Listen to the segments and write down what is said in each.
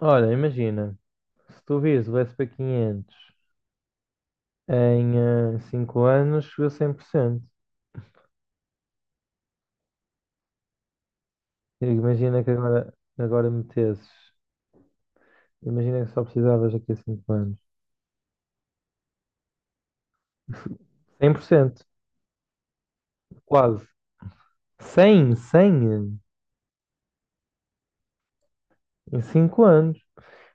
Olha, imagina, se tu vires o SP500 em 5 anos, chegou a 100%. E imagina que agora, metesses, imagina que só precisavas daqui a 5 anos. Cem por cento, quase. Cem em cinco anos.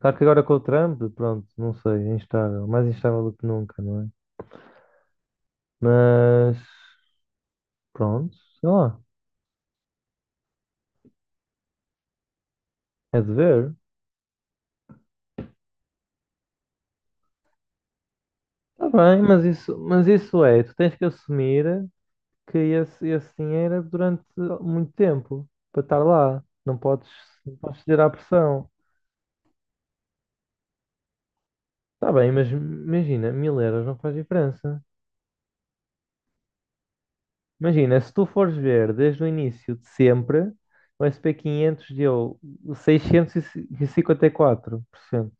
Claro que agora com o Trump, pronto, não sei, é instável, mais instável do que nunca, não é? Mas, pronto, sei lá, é de ver. Está bem, mas isso é, tu tens que assumir. Esse dinheiro é durante muito tempo para estar lá. Não podes, não podes ceder à pressão. Está bem, mas imagina, mil euros não faz diferença. Imagina, se tu fores ver desde o início de sempre, o SP500 deu 654%.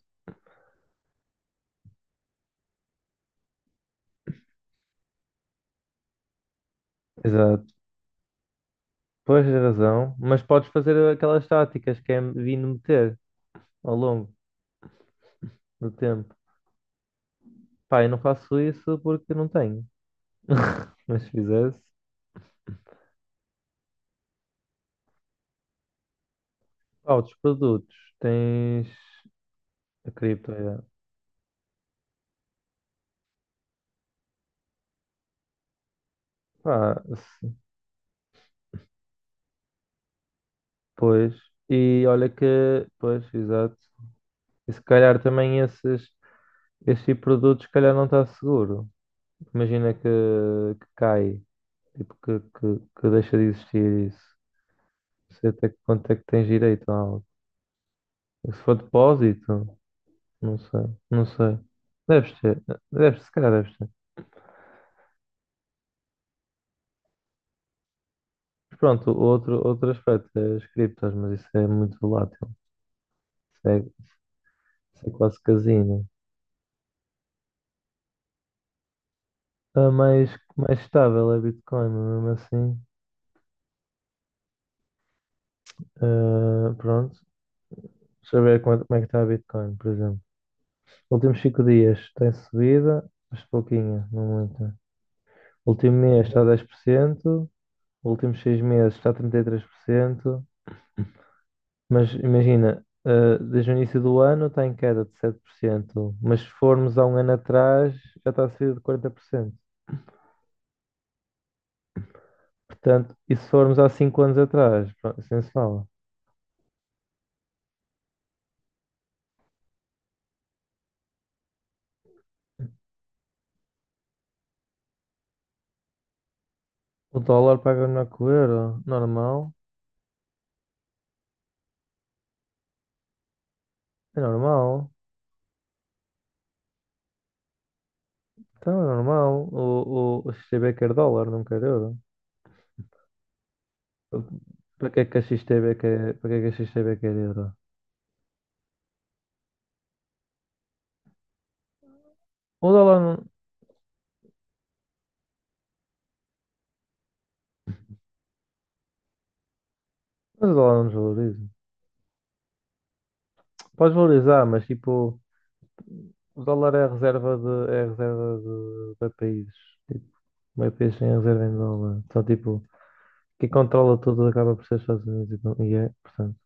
Exato, pois tens razão, mas podes fazer aquelas táticas que é vindo meter ao longo do tempo. Pá, eu não faço isso porque não tenho. Mas se fizesse. Ah, outros produtos. Tens a cripto, é. Pá, se- Pois. E olha que, pois, exato. E se calhar também esse tipo de produtos, se calhar não está seguro. Imagina que cai, tipo, que deixa de existir isso. Não sei até que quanto é que tens direito a algo. Se for depósito, não sei, não sei. Deves ter, se calhar deves ter. Mas pronto, outro aspecto é as criptos, mas isso é muito volátil. Isso é quase casino. A mais, Mais estável é Bitcoin, mas mesmo assim. Ah, pronto. Deixa eu ver como é que está a Bitcoin, por exemplo. Últimos 5 dias tem subida, mas pouquinha, não muita. Último mês está a 10%. Últimos 6 meses está a 33%. Mas imagina, desde o início do ano está em queda de 7%. Mas se formos há um ano atrás já está a subida de 40%. Portanto, e se formos há 5 anos atrás, pronto, isso se fala. O dólar paga melhor que o euro. Normal. É normal. Então é normal. O XTB quer dólar, não quer euro. Para que é que a XTB quer euro? O dólar não, Mas o dólar não desvaloriza. Pode valorizar, mas tipo, o dólar é é a reserva de países. Tipo, meio país tem a reserva em dólar. Então, tipo, quem controla tudo acaba por ser os Estados Unidos. E é, portanto,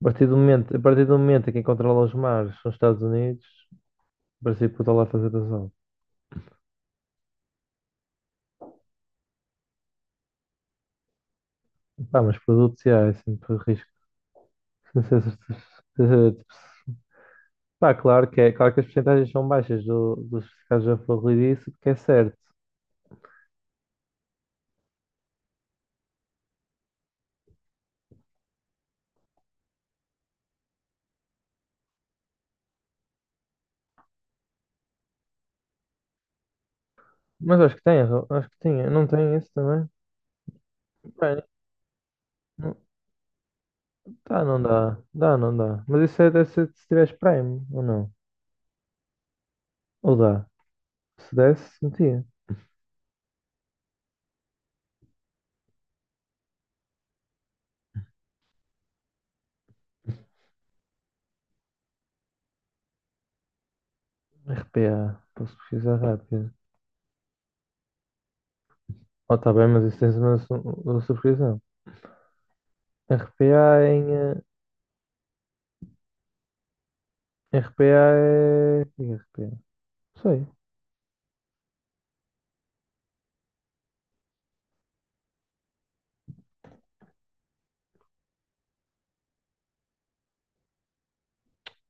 a partir do momento em que quem controla os mares são os Estados Unidos, em princípio o dólar faz a razão. Pá, mas produtos, yeah, é sempre risco. Tipo, pá, claro claro que as percentagens são baixas dos casos da Florridice, porque é certo. Mas acho que tem, erro, acho que tinha. Não tem isso também? Bem, não, tá, não dá. Dá, não dá. Mas isso é, deve ser se tiveres Prime, ou não? Ou dá? Se desse, metia. RPA, posso pesquisar rápido. Oh, tá bem, mas isso tens uma subscrição. RPA em. eh, RPA é. O que é RPA? Não sei.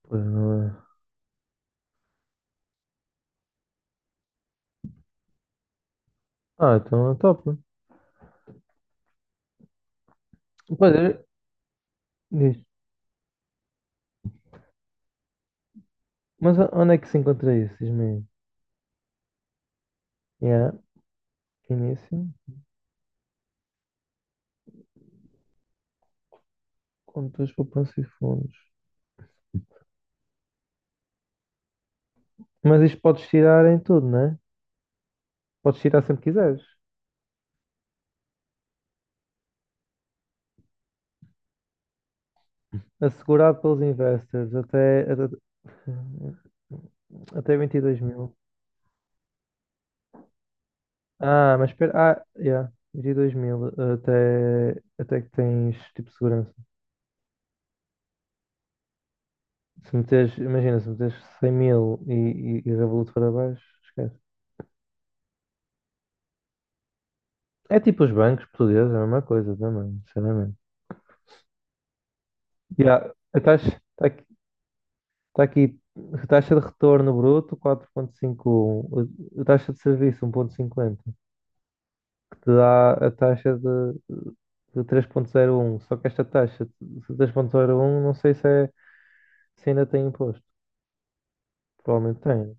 Pois não é. Ah, então é top. Pois é, diz. Mas onde é que se encontra isso? Diz-me aí. Yeah, início, contas, poupança e fundos. Mas isto podes tirar em tudo, né? Podes tirar sempre que quiseres. Assegurado pelos investors até 22 mil. Ah, mas espera. Ah, yeah, 22 mil até que tens tipo segurança. Se meteres 100 mil e Revolut para baixo, esquece. É tipo os bancos portugueses, é a mesma coisa também, sinceramente. Yeah. A taxa, tá aqui, Tá aqui, a taxa de retorno bruto 4.51, a taxa de serviço 1,50, que te dá a taxa de 3,01. Só que esta taxa de 3,01 não sei se ainda tem imposto. Provavelmente tem.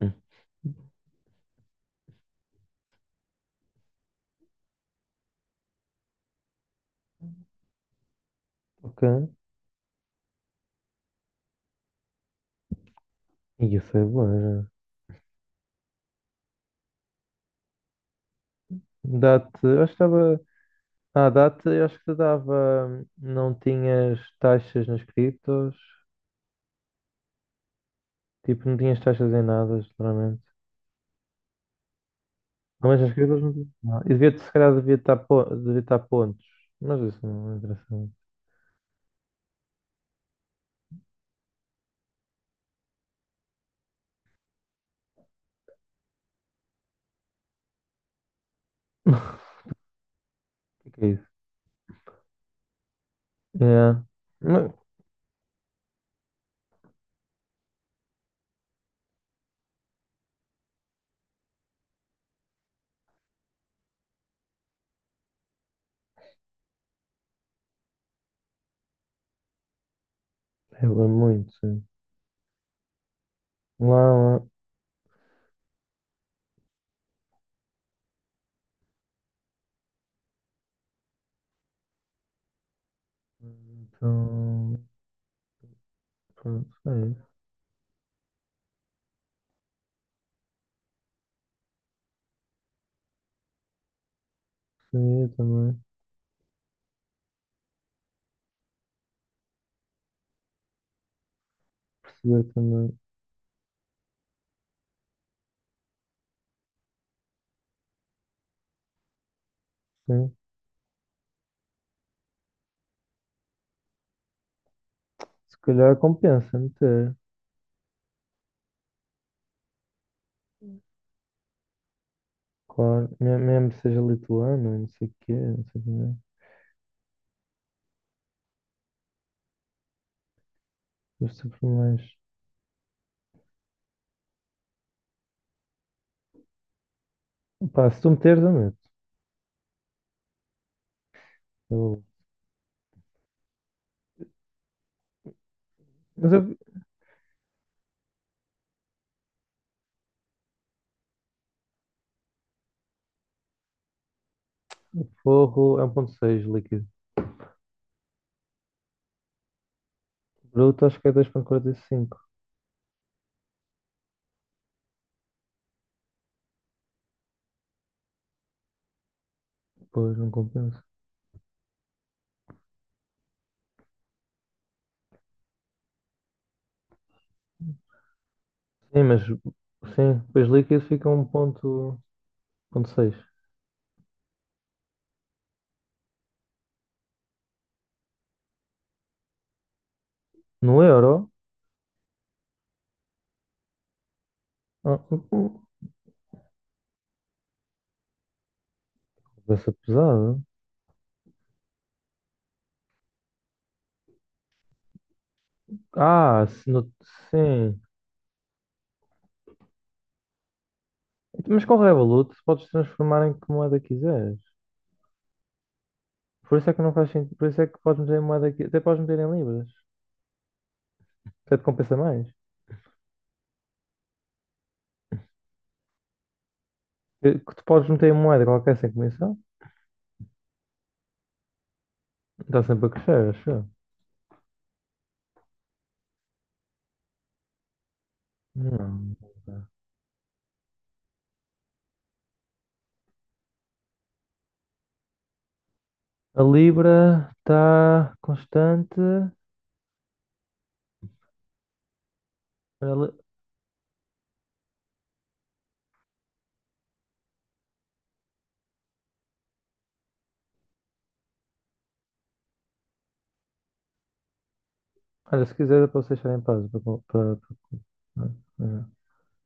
Hum. Ok. E isso é bom, já. Dá-te, eu acho que estava. Ah, dá-te, eu acho que te dava. Não tinhas taxas nas criptos, tipo, não tinhas taxas em nada, geralmente. Não, mas as crianças não têm. Não. E devia, se calhar devia estar, devia estar pontos. Mas isso não interessa muito. O que é isso? É. Mas é muito, sim. Lá, lá. Então, pronto, é isso. Seria também. Perceber também. Sim. Se calhar compensa meter. Claro. Mesmo que seja lituano, não sei o quê, não sei o quê. Mas sempre mais. Pá, se tu meteres, eu meto. Eu- Mas eu... Forro é 1.6 líquido. Bruto acho que é 2,45. Pois, não compensa. Sim, sim, depois líquido fica ponto seis. No euro? Hum, hum. Essa pesada. Ah, se no- Sim. Mas com o Revolut podes transformar em que moeda quiseres. Por isso é que não faz sentido. Por isso é que podes meter em moeda aqui. Até podes meter em libras. Até te compensa mais. Que tu podes meter em moeda qualquer sem comissão. Está sempre a crescer, acho eu. Não. A Libra está constante. Olha, li- Olha, se quiser, eu posso deixar em paz. Para, para, para,